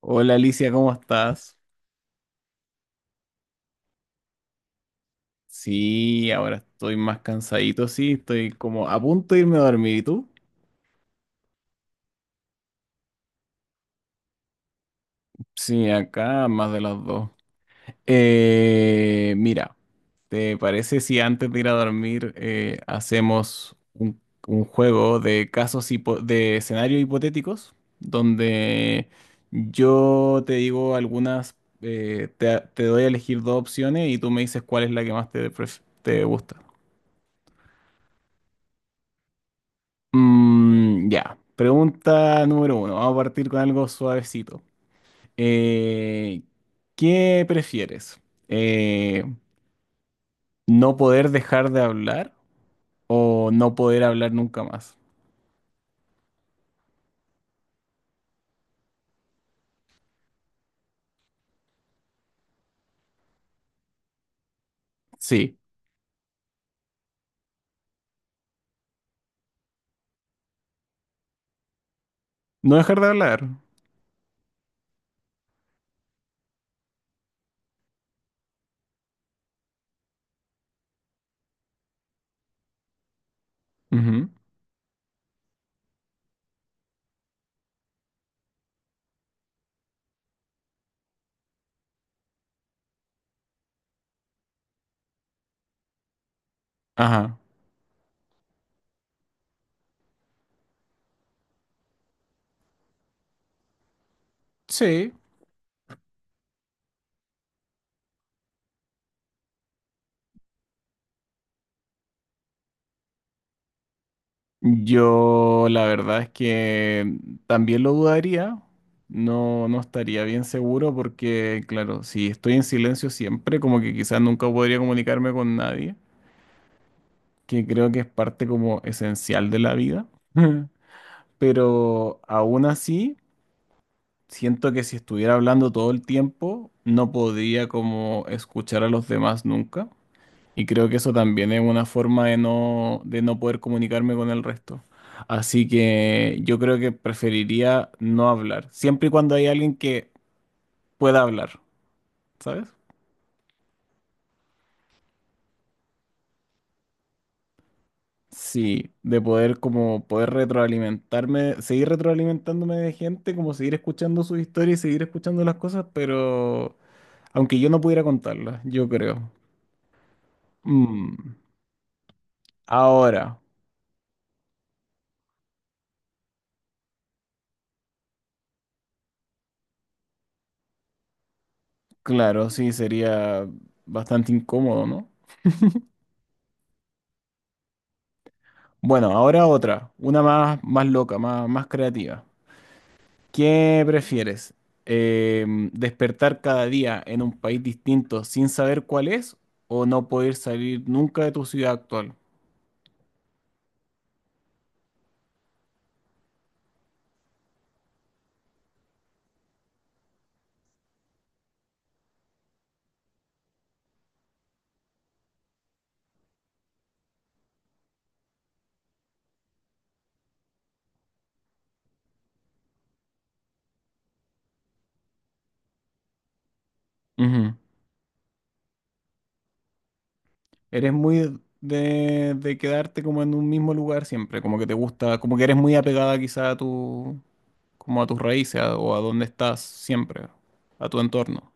Hola Alicia, ¿cómo estás? Sí, ahora estoy más cansadito, sí, estoy como a punto de irme a dormir. ¿Y tú? Sí, acá más de las dos. Mira, ¿te parece si antes de ir a dormir hacemos un juego de casos de escenarios hipotéticos donde yo te digo algunas, te doy a elegir dos opciones y tú me dices cuál es la que más te gusta? Ya, pregunta número uno. Vamos a partir con algo suavecito. Eh, ¿Qué prefieres? Eh, ¿No poder dejar de hablar o no poder hablar nunca más? Sí, no dejar de hablar. Ujú. Ajá. Sí, yo la verdad es que también lo dudaría. No, no estaría bien seguro porque, claro, si estoy en silencio siempre, como que quizás nunca podría comunicarme con nadie. Que creo que es parte como esencial de la vida, pero aún así siento que si estuviera hablando todo el tiempo no podría como escuchar a los demás nunca y creo que eso también es una forma de no poder comunicarme con el resto. Así que yo creo que preferiría no hablar, siempre y cuando hay alguien que pueda hablar, ¿sabes? Sí, de poder como poder retroalimentarme, seguir retroalimentándome de gente, como seguir escuchando sus historias y seguir escuchando las cosas, pero aunque yo no pudiera contarlas, yo creo. Mm, Ahora, claro, sí, sería bastante incómodo, ¿no? Bueno, ahora otra, una más, más loca, más creativa. ¿Qué prefieres? ¿Despertar cada día en un país distinto sin saber cuál es o no poder salir nunca de tu ciudad actual? Ujú. Eres muy de quedarte como en un mismo lugar siempre, como que te gusta, como que eres muy apegada quizá a tu, como a tus raíces o a donde estás siempre, a tu entorno.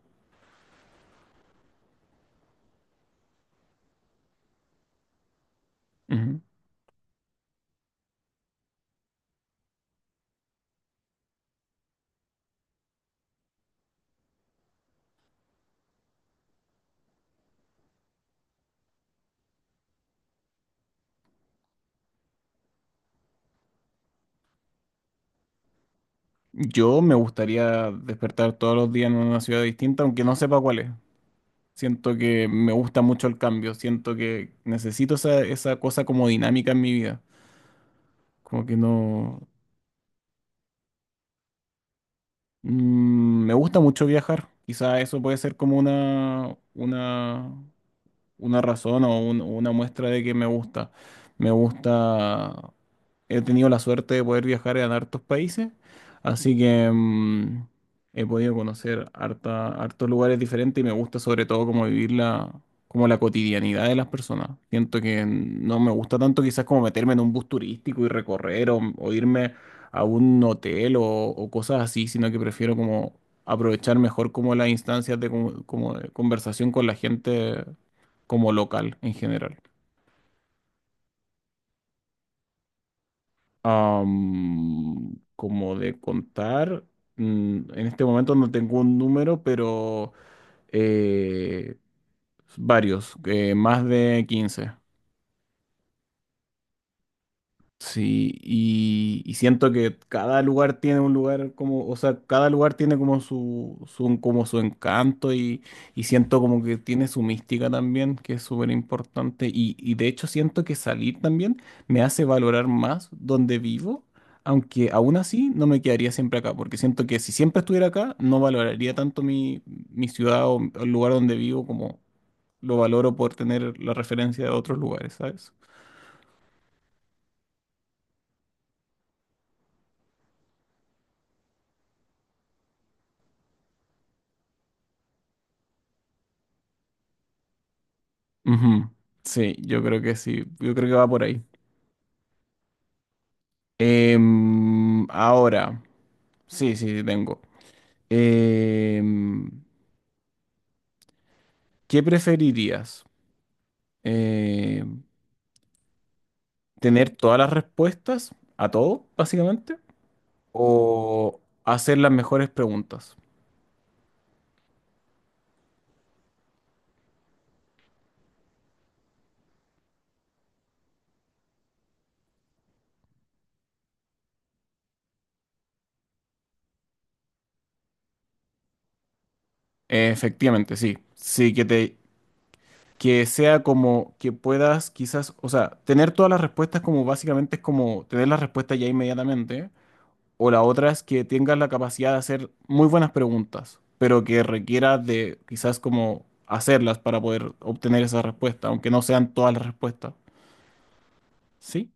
Ujú. Yo me gustaría despertar todos los días en una ciudad distinta, aunque no sepa cuál es. Siento que me gusta mucho el cambio, siento que necesito esa, esa cosa como dinámica en mi vida. Como que no. Me gusta mucho viajar, quizá eso puede ser como una razón o una muestra de que me gusta. Me gusta, he tenido la suerte de poder viajar en hartos países, así que he podido conocer hartos lugares diferentes y me gusta sobre todo como vivir la, como la cotidianidad de las personas. Siento que no me gusta tanto quizás como meterme en un bus turístico y recorrer o irme a un hotel o cosas así, sino que prefiero como aprovechar mejor como las instancias de, como como de conversación con la gente como local en general. Como de contar, en este momento no tengo un número, pero eh, varios, más de 15. Sí, y siento que cada lugar tiene un lugar como, o sea, cada lugar tiene como su, como su encanto y siento como que tiene su mística también, que es súper importante. Y de hecho siento que salir también me hace valorar más donde vivo, aunque aún así no me quedaría siempre acá, porque siento que si siempre estuviera acá, no valoraría tanto mi ciudad o el lugar donde vivo como lo valoro por tener la referencia de otros lugares, ¿sabes? Ujú. Sí, yo creo que sí, yo creo que va por ahí. Ahora, sí, sí, sí, tengo. Em, ¿Qué preferirías? Em, ¿Tener todas las respuestas a todo, básicamente? ¿O hacer las mejores preguntas? Efectivamente, sí. Sí, que sea como que puedas quizás, o sea, tener todas las respuestas como básicamente es como tener las respuestas ya inmediatamente. O la otra es que tengas la capacidad de hacer muy buenas preguntas, pero que requiera de quizás como hacerlas para poder obtener esa respuesta, aunque no sean todas las respuestas. ¿Sí?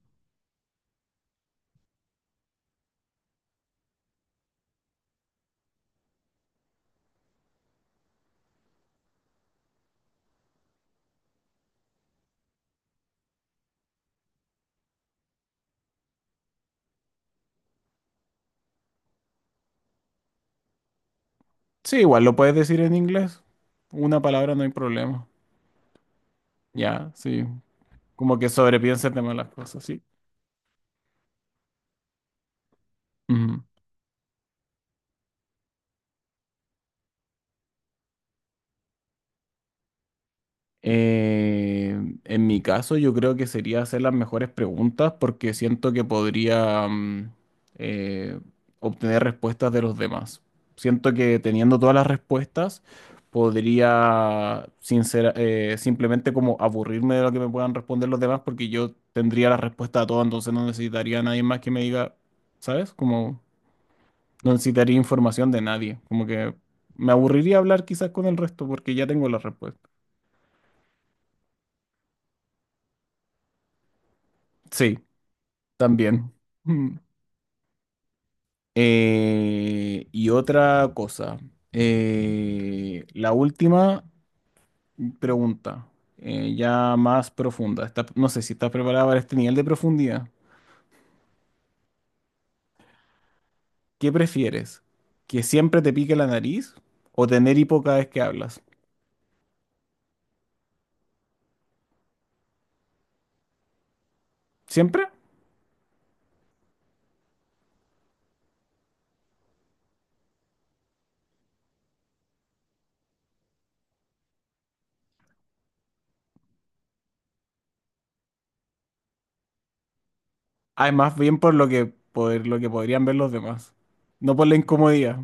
Sí, igual lo puedes decir en inglés. Una palabra no hay problema. Ya, sí. Como que sobrepienses de las cosas, ¿sí? Ujú. Eh, en mi caso, yo creo que sería hacer las mejores preguntas porque siento que podría eh, obtener respuestas de los demás. Siento que teniendo todas las respuestas, podría simplemente como aburrirme de lo que me puedan responder los demás porque yo tendría la respuesta a todo, entonces no necesitaría a nadie más que me diga, ¿sabes? Como no necesitaría información de nadie. Como que me aburriría hablar quizás con el resto porque ya tengo la respuesta. Sí. También. Mm. Y otra cosa. La última pregunta, ya más profunda. No sé si estás preparada para este nivel de profundidad. ¿Qué prefieres? ¿Que siempre te pique la nariz o tener hipo cada vez que hablas? ¿Siempre? Ah, es más bien por lo que podrían ver los demás, no por la incomodidad.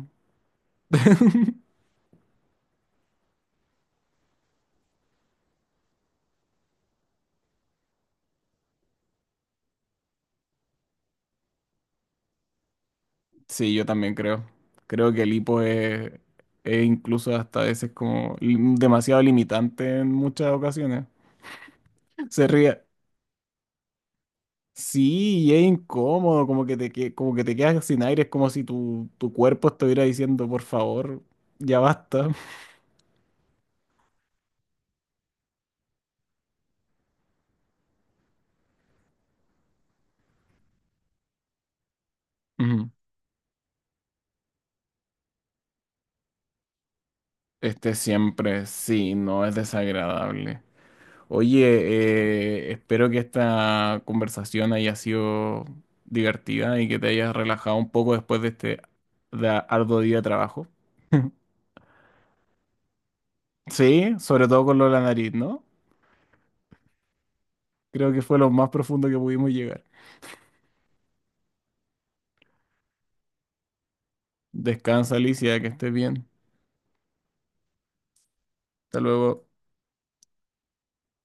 Sí, yo también creo. Creo que el hipo es incluso hasta a veces como demasiado limitante en muchas ocasiones. Se ríe. Sí, y es incómodo, como que como que te quedas sin aire, es como si tu cuerpo estuviera diciendo, por favor, ya basta. Ujú. Este siempre, sí, no es desagradable. Oye, espero que esta conversación haya sido divertida y que te hayas relajado un poco después de este arduo día de trabajo. Sí, sobre todo con lo de la nariz, ¿no? Creo que fue lo más profundo que pudimos llegar. Descansa, Alicia, que estés bien. Hasta luego.